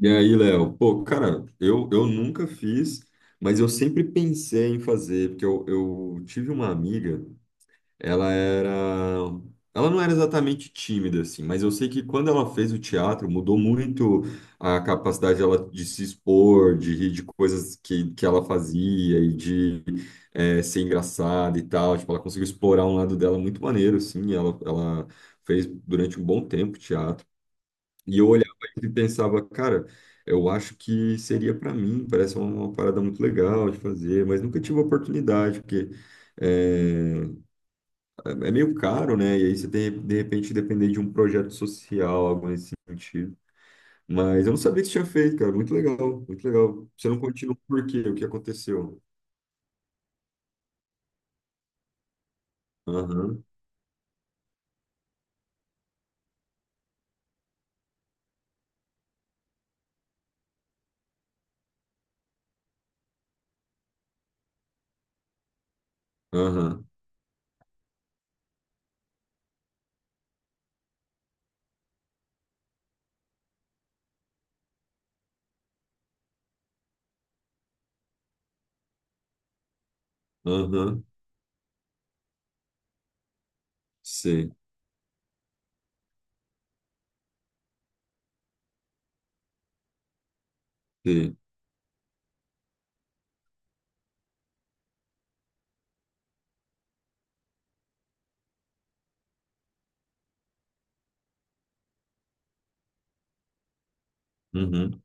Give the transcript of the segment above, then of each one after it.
E aí, Léo? Pô, cara, eu nunca fiz, mas eu sempre pensei em fazer, porque eu tive uma amiga, ela era. Ela não era exatamente tímida, assim, mas eu sei que quando ela fez o teatro, mudou muito a capacidade dela de se expor, de rir de coisas que ela fazia e de ser engraçada e tal. Tipo, ela conseguiu explorar um lado dela muito maneiro, assim, ela fez durante um bom tempo teatro. E eu olhava e pensava, cara, eu acho que seria para mim, parece uma parada muito legal de fazer, mas nunca tive oportunidade, porque eh, é meio caro, né? E aí você tem, de repente, depender de um projeto social, algo nesse sentido. Mas eu não sabia que você tinha feito, cara. Muito legal, muito legal. Você não continuou por quê? O que aconteceu? Aham, aham, aham. Sei, sei. Uhum,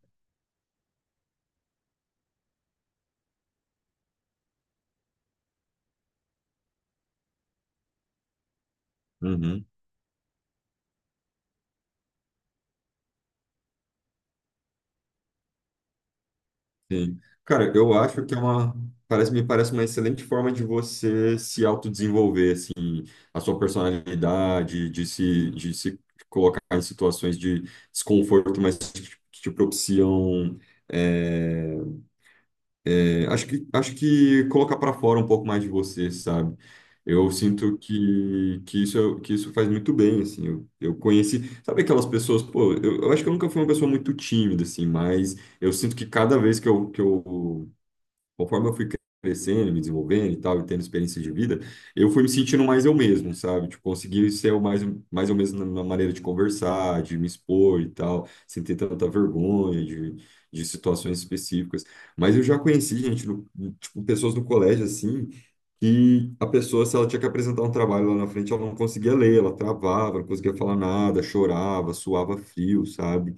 uhum. Sim. Cara, eu acho que é uma. Parece, me parece uma excelente forma de você se autodesenvolver, assim, a sua personalidade, de se colocar em situações de desconforto, mas que te propiciam. é, acho que colocar para fora um pouco mais de você, sabe? Eu sinto que isso faz muito bem, assim. Eu conheci. Sabe aquelas pessoas, pô, eu acho que eu nunca fui uma pessoa muito tímida, assim, mas. Eu sinto que cada vez que eu conforme eu fui crescendo, me desenvolvendo e tal, e tendo experiência de vida, eu fui me sentindo mais eu mesmo, sabe? Tipo, consegui ser o mais eu mesmo na maneira de conversar, de me expor e tal, sem ter tanta vergonha de situações específicas. Mas eu já conheci gente, tipo, pessoas no colégio, assim, que a pessoa, se ela tinha que apresentar um trabalho lá na frente, ela não conseguia ler, ela travava, não conseguia falar nada, chorava, suava frio, sabe?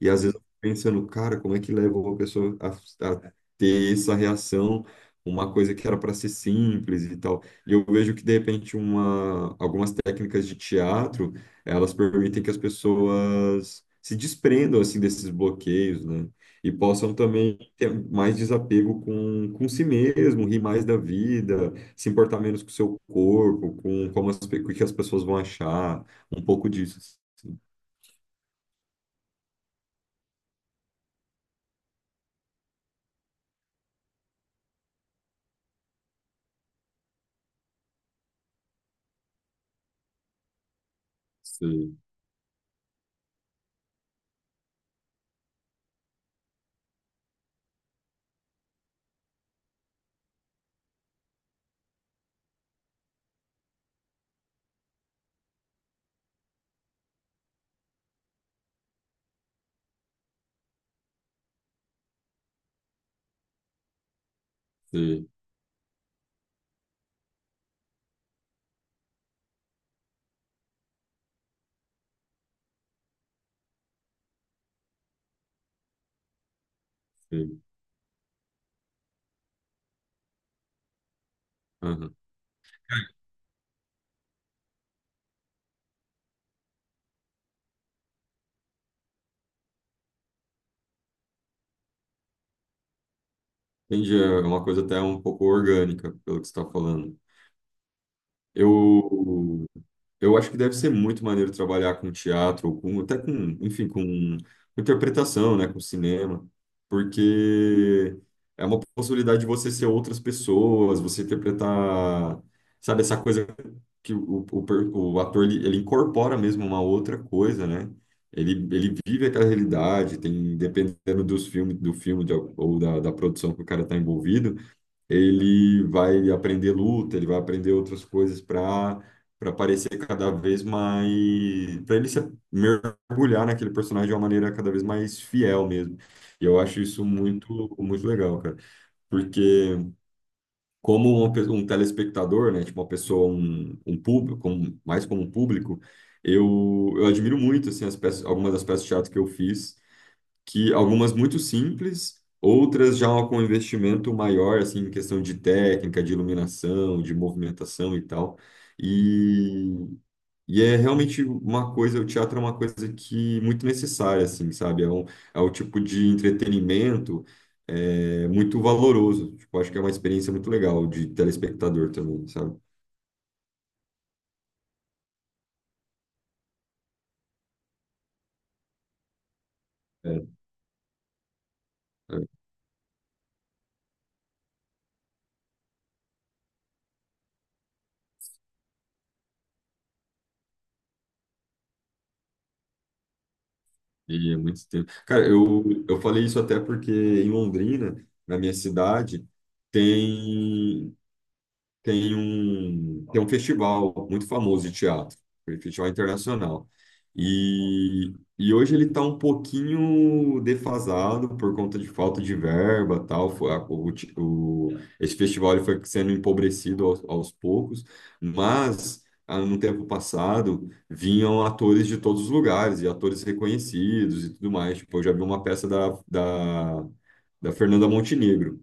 E às vezes eu fico pensando, cara, como é que leva uma pessoa a ter essa reação, uma coisa que era para ser simples e tal. E eu vejo que, de repente, algumas técnicas de teatro, elas permitem que as pessoas se desprendam, assim, desses bloqueios, né? E possam também ter mais desapego com si mesmo, rir mais da vida, se importar menos com o seu corpo, com como o que as pessoas vão achar, um pouco disso. Sim, sim, sim. Aham. Entendi, é uma coisa até um pouco orgânica, pelo que você está falando. Eu, eu acho que deve ser muito maneiro trabalhar com teatro, ou enfim, com interpretação, né, com cinema, porque é uma possibilidade de você ser outras pessoas, você interpretar, sabe, essa coisa que o ator, ele incorpora mesmo uma outra coisa, né? Ele vive aquela realidade, tem, dependendo dos filmes, do filme de- ou da, da produção que o cara está envolvido, ele vai aprender luta, ele vai aprender outras coisas para parecer cada vez mais, para ele se mergulhar naquele personagem de uma maneira cada vez mais fiel mesmo. E eu acho isso muito legal, cara, porque como um telespectador, né, tipo uma pessoa, um público, mais como um público, eu admiro muito assim as peças, algumas das peças de teatro que eu fiz que algumas muito simples, outras já com investimento maior, assim, em questão de técnica, de iluminação, de movimentação e tal. E, e é realmente uma coisa, o teatro é uma coisa que muito necessária, assim, sabe? É um tipo de entretenimento muito valoroso. Tipo, acho que é uma experiência muito legal de telespectador também, sabe? É, é, e é muito tempo. Cara, eu falei isso até porque em Londrina, na minha cidade, tem. Tem um festival muito famoso de teatro, um festival internacional. E, e hoje ele está um pouquinho defasado por conta de falta de verba, tal. Foi, a- o, ti- o- Esse festival ele foi sendo empobrecido aos poucos, mas ah, no tempo passado vinham atores de todos os lugares e atores reconhecidos e tudo mais. Tipo, eu já vi uma peça da Fernanda Montenegro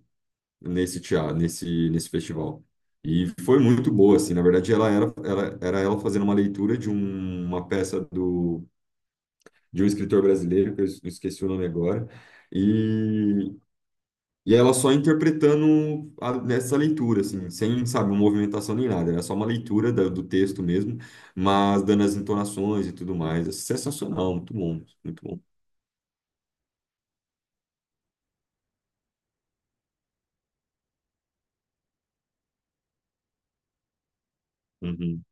nesse teatro, nesse festival. E foi muito boa, assim, na verdade era ela fazendo uma leitura de uma peça de um escritor brasileiro, que eu esqueci o nome agora, e, e ela só interpretando a, nessa leitura, assim, sem, sabe, uma movimentação nem nada, era só uma leitura do texto mesmo, mas dando as entonações e tudo mais, é sensacional, muito bom, muito bom. Uhum,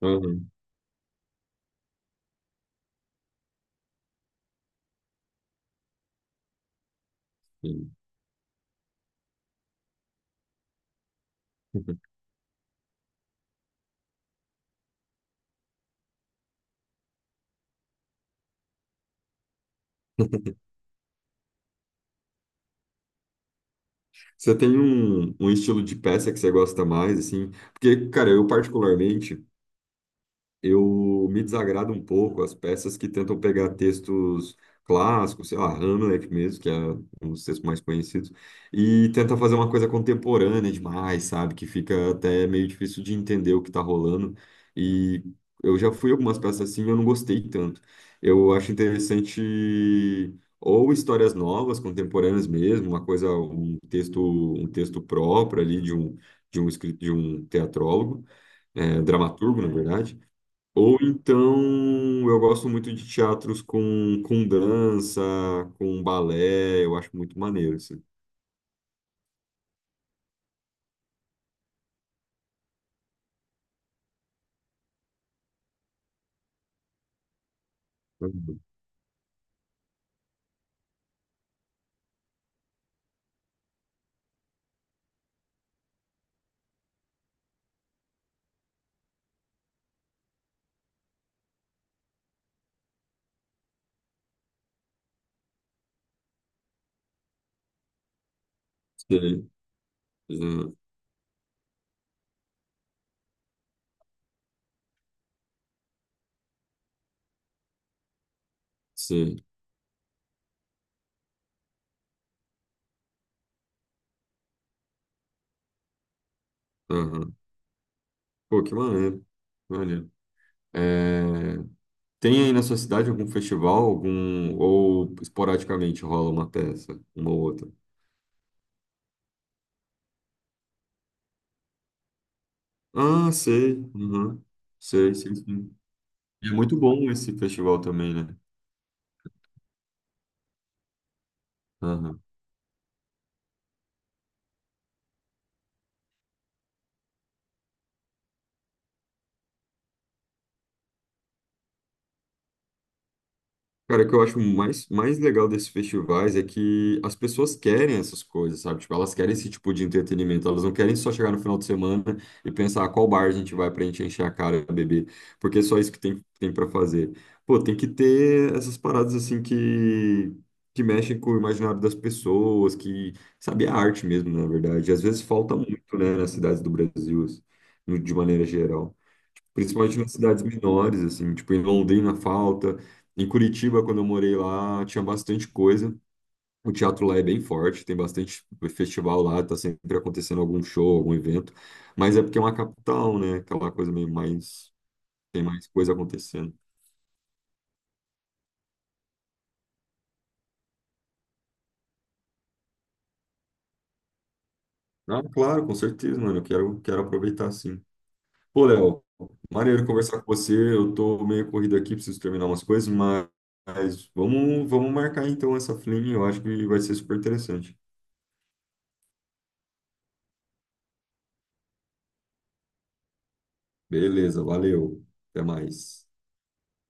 uhum, sim. Você tem um estilo de peça que você gosta mais, assim? Porque, cara, eu particularmente, eu me desagrada um pouco as peças que tentam pegar textos clássicos, sei lá, Hamlet mesmo, que é um dos textos mais conhecidos, e tenta fazer uma coisa contemporânea demais, sabe? Que fica até meio difícil de entender o que tá rolando. E eu já fui algumas peças assim, e eu não gostei tanto. Eu acho interessante ou histórias novas, contemporâneas mesmo, uma coisa, um texto próprio ali de um escrito de um teatrólogo, é, dramaturgo, na verdade ou então, eu gosto muito de teatros com dança, com balé, eu acho muito maneiro, assim. Uhum. Sei, já- sei. Aham. Pô, que maneiro, que maneiro. É, tem aí na sua cidade algum festival, algum, ou esporadicamente rola uma peça, uma ou outra? Ah, sei, uhum. Sei, sim, sim. E é muito bom esse festival também, né? Aham. Cara, o que eu acho mais legal desses festivais é que as pessoas querem essas coisas, sabe? Tipo, elas querem esse tipo de entretenimento, elas não querem só chegar no final de semana e pensar "Ah, qual bar a gente vai pra gente encher a cara e beber, porque é só isso que tem para fazer. Pô, tem que ter essas paradas assim que mexem com o imaginário das pessoas, que, sabe, é arte mesmo, na verdade. E às vezes falta muito, né, nas cidades do Brasil, assim, de maneira geral. Principalmente nas cidades menores, assim, tipo, em Londrina falta, em Curitiba, quando eu morei lá, tinha bastante coisa. O teatro lá é bem forte, tem bastante festival lá, tá sempre acontecendo algum show, algum evento, mas é porque é uma capital, né? Aquela coisa meio mais, tem mais coisa acontecendo. Ah, claro, com certeza, mano, quero aproveitar sim. Pô, Léo, maneiro conversar com você, eu tô meio corrido aqui, preciso terminar umas coisas, mas, vamos marcar então essa flim, eu acho que vai ser super interessante. Beleza, valeu. Até mais.